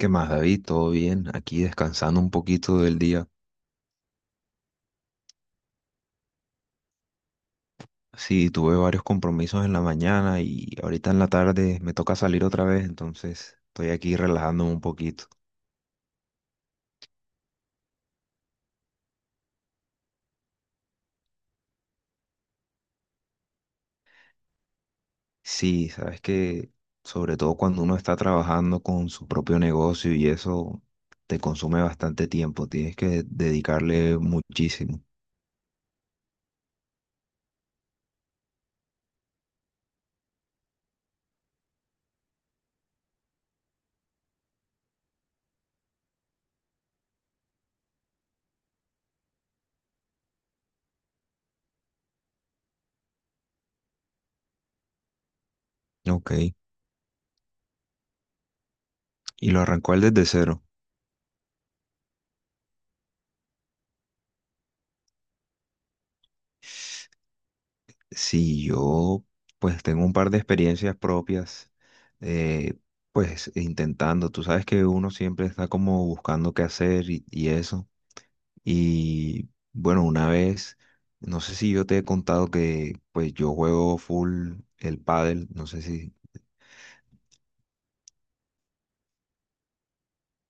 ¿Qué más, David? ¿Todo bien? Aquí descansando un poquito del día. Sí, tuve varios compromisos en la mañana y ahorita en la tarde me toca salir otra vez, entonces estoy aquí relajándome un poquito. Sí, sabes que sobre todo cuando uno está trabajando con su propio negocio y eso te consume bastante tiempo, tienes que dedicarle muchísimo. Ok, y lo arrancó él desde cero. Sí, yo pues tengo un par de experiencias propias, eh, pues intentando, tú sabes que uno siempre está como buscando qué hacer y eso. Y bueno, una vez, no sé si yo te he contado que pues yo juego full el pádel, no sé si,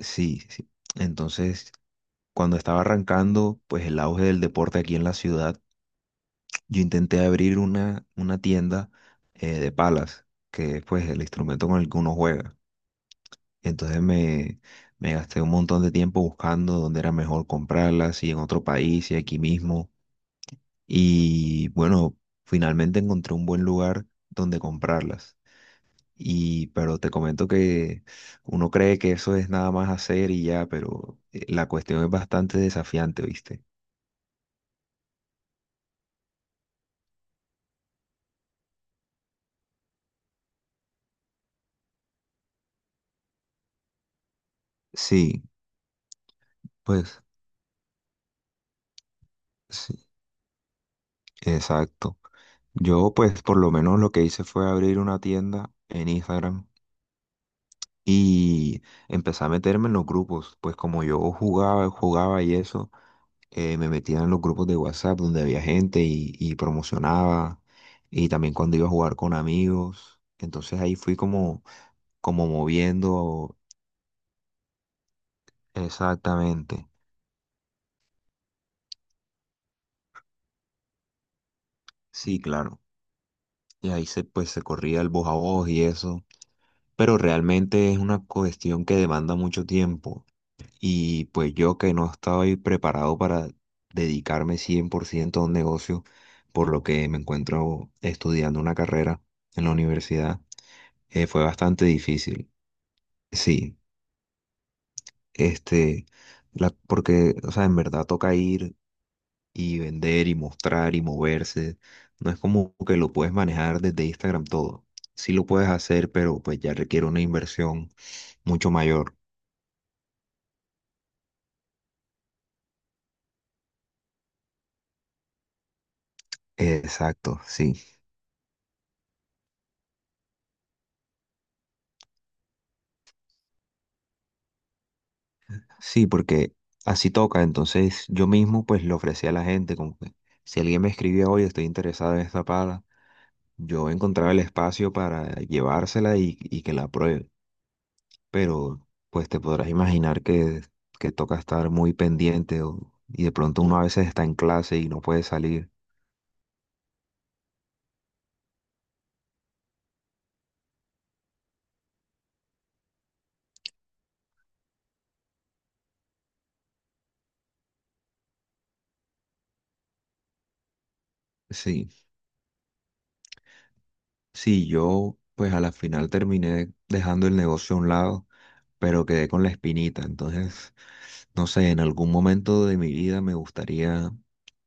sí, sí. Entonces, cuando estaba arrancando pues el auge del deporte aquí en la ciudad, yo intenté abrir una tienda de palas, que es pues el instrumento con el que uno juega. Entonces me, me gasté un montón de tiempo buscando dónde era mejor comprarlas, si en otro país, si aquí mismo. Y bueno, finalmente encontré un buen lugar donde comprarlas. Y pero te comento que uno cree que eso es nada más hacer y ya, pero la cuestión es bastante desafiante, ¿viste? Sí, pues sí, exacto. Yo pues por lo menos lo que hice fue abrir una tienda en Instagram y empecé a meterme en los grupos, pues como yo jugaba, jugaba y eso, me metía en los grupos de WhatsApp donde había gente y promocionaba, y también cuando iba a jugar con amigos, entonces ahí fui como, como moviendo exactamente, sí, claro, y pues se corría el voz a voz y eso, pero realmente es una cuestión que demanda mucho tiempo. Y pues yo que no estaba ahí preparado para dedicarme 100% a un negocio, por lo que me encuentro estudiando una carrera en la universidad, fue bastante difícil. Sí, este, la, porque, o sea, en verdad toca ir y vender y mostrar y moverse. No es como que lo puedes manejar desde Instagram todo. Sí lo puedes hacer, pero pues ya requiere una inversión mucho mayor. Exacto, sí. Sí, porque así toca. Entonces yo mismo pues le ofrecía a la gente como que si alguien me escribía, oye, estoy interesado en esta pala, yo encontraba el espacio para llevársela y que la pruebe. Pero pues te podrás imaginar que toca estar muy pendiente o- y de pronto uno a veces está en clase y no puede salir. Sí, sí, yo pues a la final terminé dejando el negocio a un lado pero quedé con la espinita. Entonces, no sé, en algún momento de mi vida me gustaría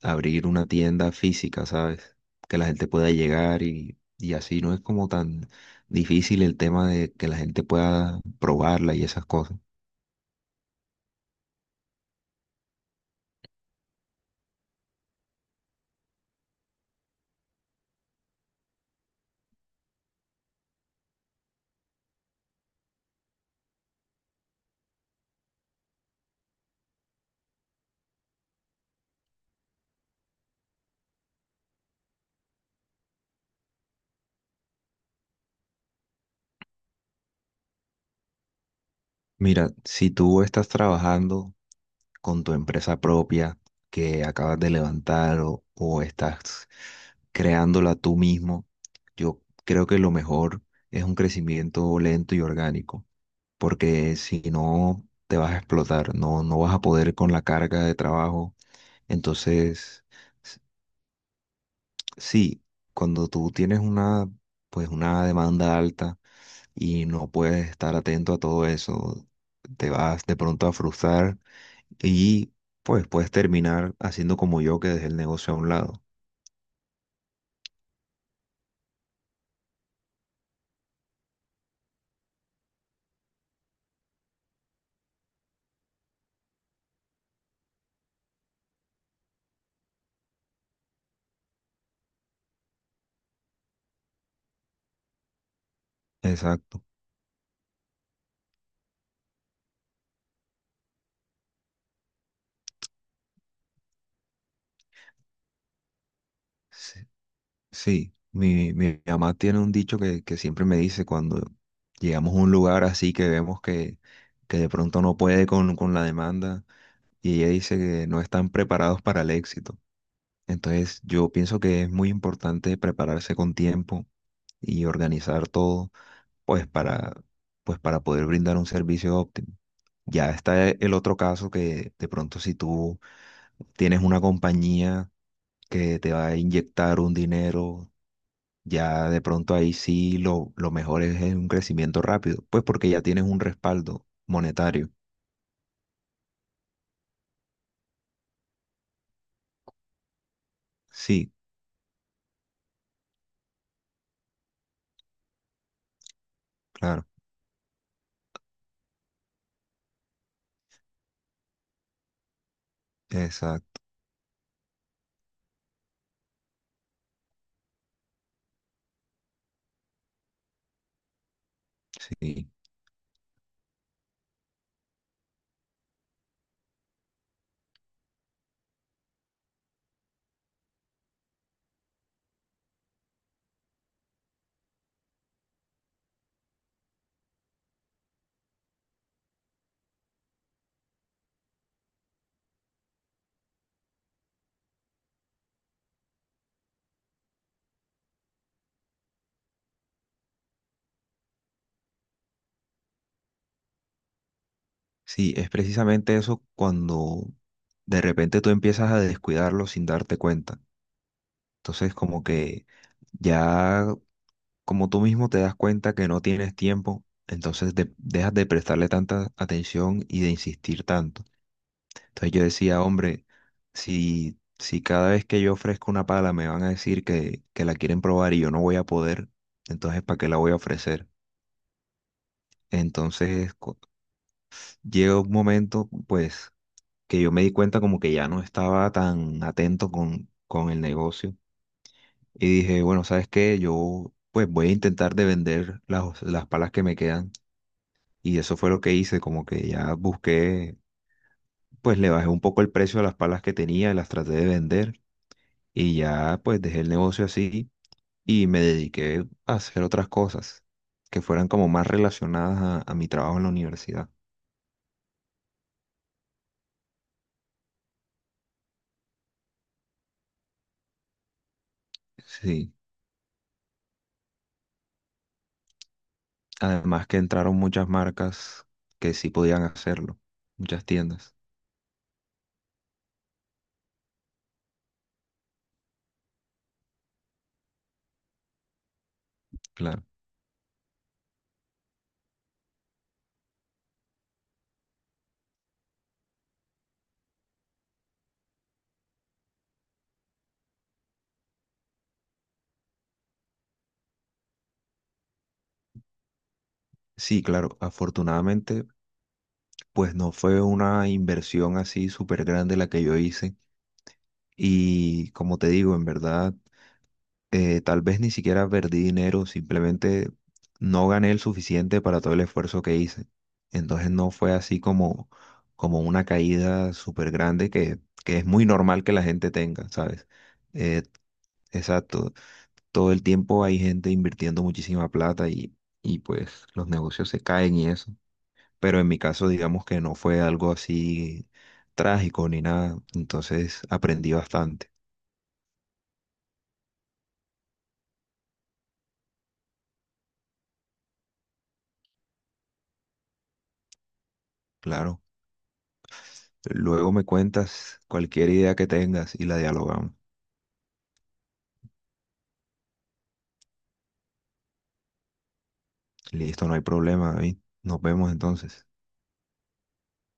abrir una tienda física, ¿sabes? Que la gente pueda llegar y así no es como tan difícil el tema de que la gente pueda probarla y esas cosas. Mira, si tú estás trabajando con tu empresa propia que acabas de levantar o estás creándola tú mismo, yo creo que lo mejor es un crecimiento lento y orgánico porque si no te vas a explotar, no, no vas a poder con la carga de trabajo. Entonces, s- sí, cuando tú tienes una, pues una demanda alta y no puedes estar atento a todo eso, te vas de pronto a frustrar y pues puedes terminar haciendo como yo que dejé el negocio a un lado. Exacto. Sí. Sí, mi mamá tiene un dicho que siempre me dice cuando llegamos a un lugar así que vemos que de pronto no puede con la demanda y ella dice que no están preparados para el éxito. Entonces yo pienso que es muy importante prepararse con tiempo y organizar todo pues para, pues para poder brindar un servicio óptimo. Ya está el otro caso que de pronto si tú tienes una compañía que te va a inyectar un dinero ya de pronto ahí sí lo mejor es un crecimiento rápido, pues porque ya tienes un respaldo monetario. Sí, claro, exacto, sí. Sí, es precisamente eso cuando de repente tú empiezas a descuidarlo sin darte cuenta. Entonces como que ya como tú mismo te das cuenta que no tienes tiempo, entonces dejas de prestarle tanta atención y de insistir tanto. Entonces yo decía, hombre, si cada vez que yo ofrezco una pala me van a decir que la quieren probar y yo no voy a poder, entonces ¿para qué la voy a ofrecer? Entonces cu- llega un momento, pues, que yo me di cuenta como que ya no estaba tan atento con el negocio y dije, bueno, ¿sabes qué? Yo pues voy a intentar de vender las palas que me quedan y eso fue lo que hice, como que ya busqué, pues le bajé un poco el precio a las palas que tenía y las traté de vender. Y ya pues dejé el negocio así y me dediqué a hacer otras cosas que fueran como más relacionadas a mi trabajo en la universidad. Sí, además que entraron muchas marcas que sí podían hacerlo, muchas tiendas, claro. Sí, claro, afortunadamente pues no fue una inversión así súper grande la que yo hice y como te digo, en verdad tal vez ni siquiera perdí dinero, simplemente no gané el suficiente para todo el esfuerzo que hice. Entonces no fue así como, como una caída súper grande que es muy normal que la gente tenga, ¿sabes? Eh, exacto, todo el tiempo hay gente invirtiendo muchísima plata y pues los negocios se caen y eso. Pero en mi caso digamos que no fue algo así trágico ni nada, entonces aprendí bastante, claro. Luego me cuentas cualquier idea que tengas y la dialogamos. Listo, no hay problema, David. Nos vemos entonces.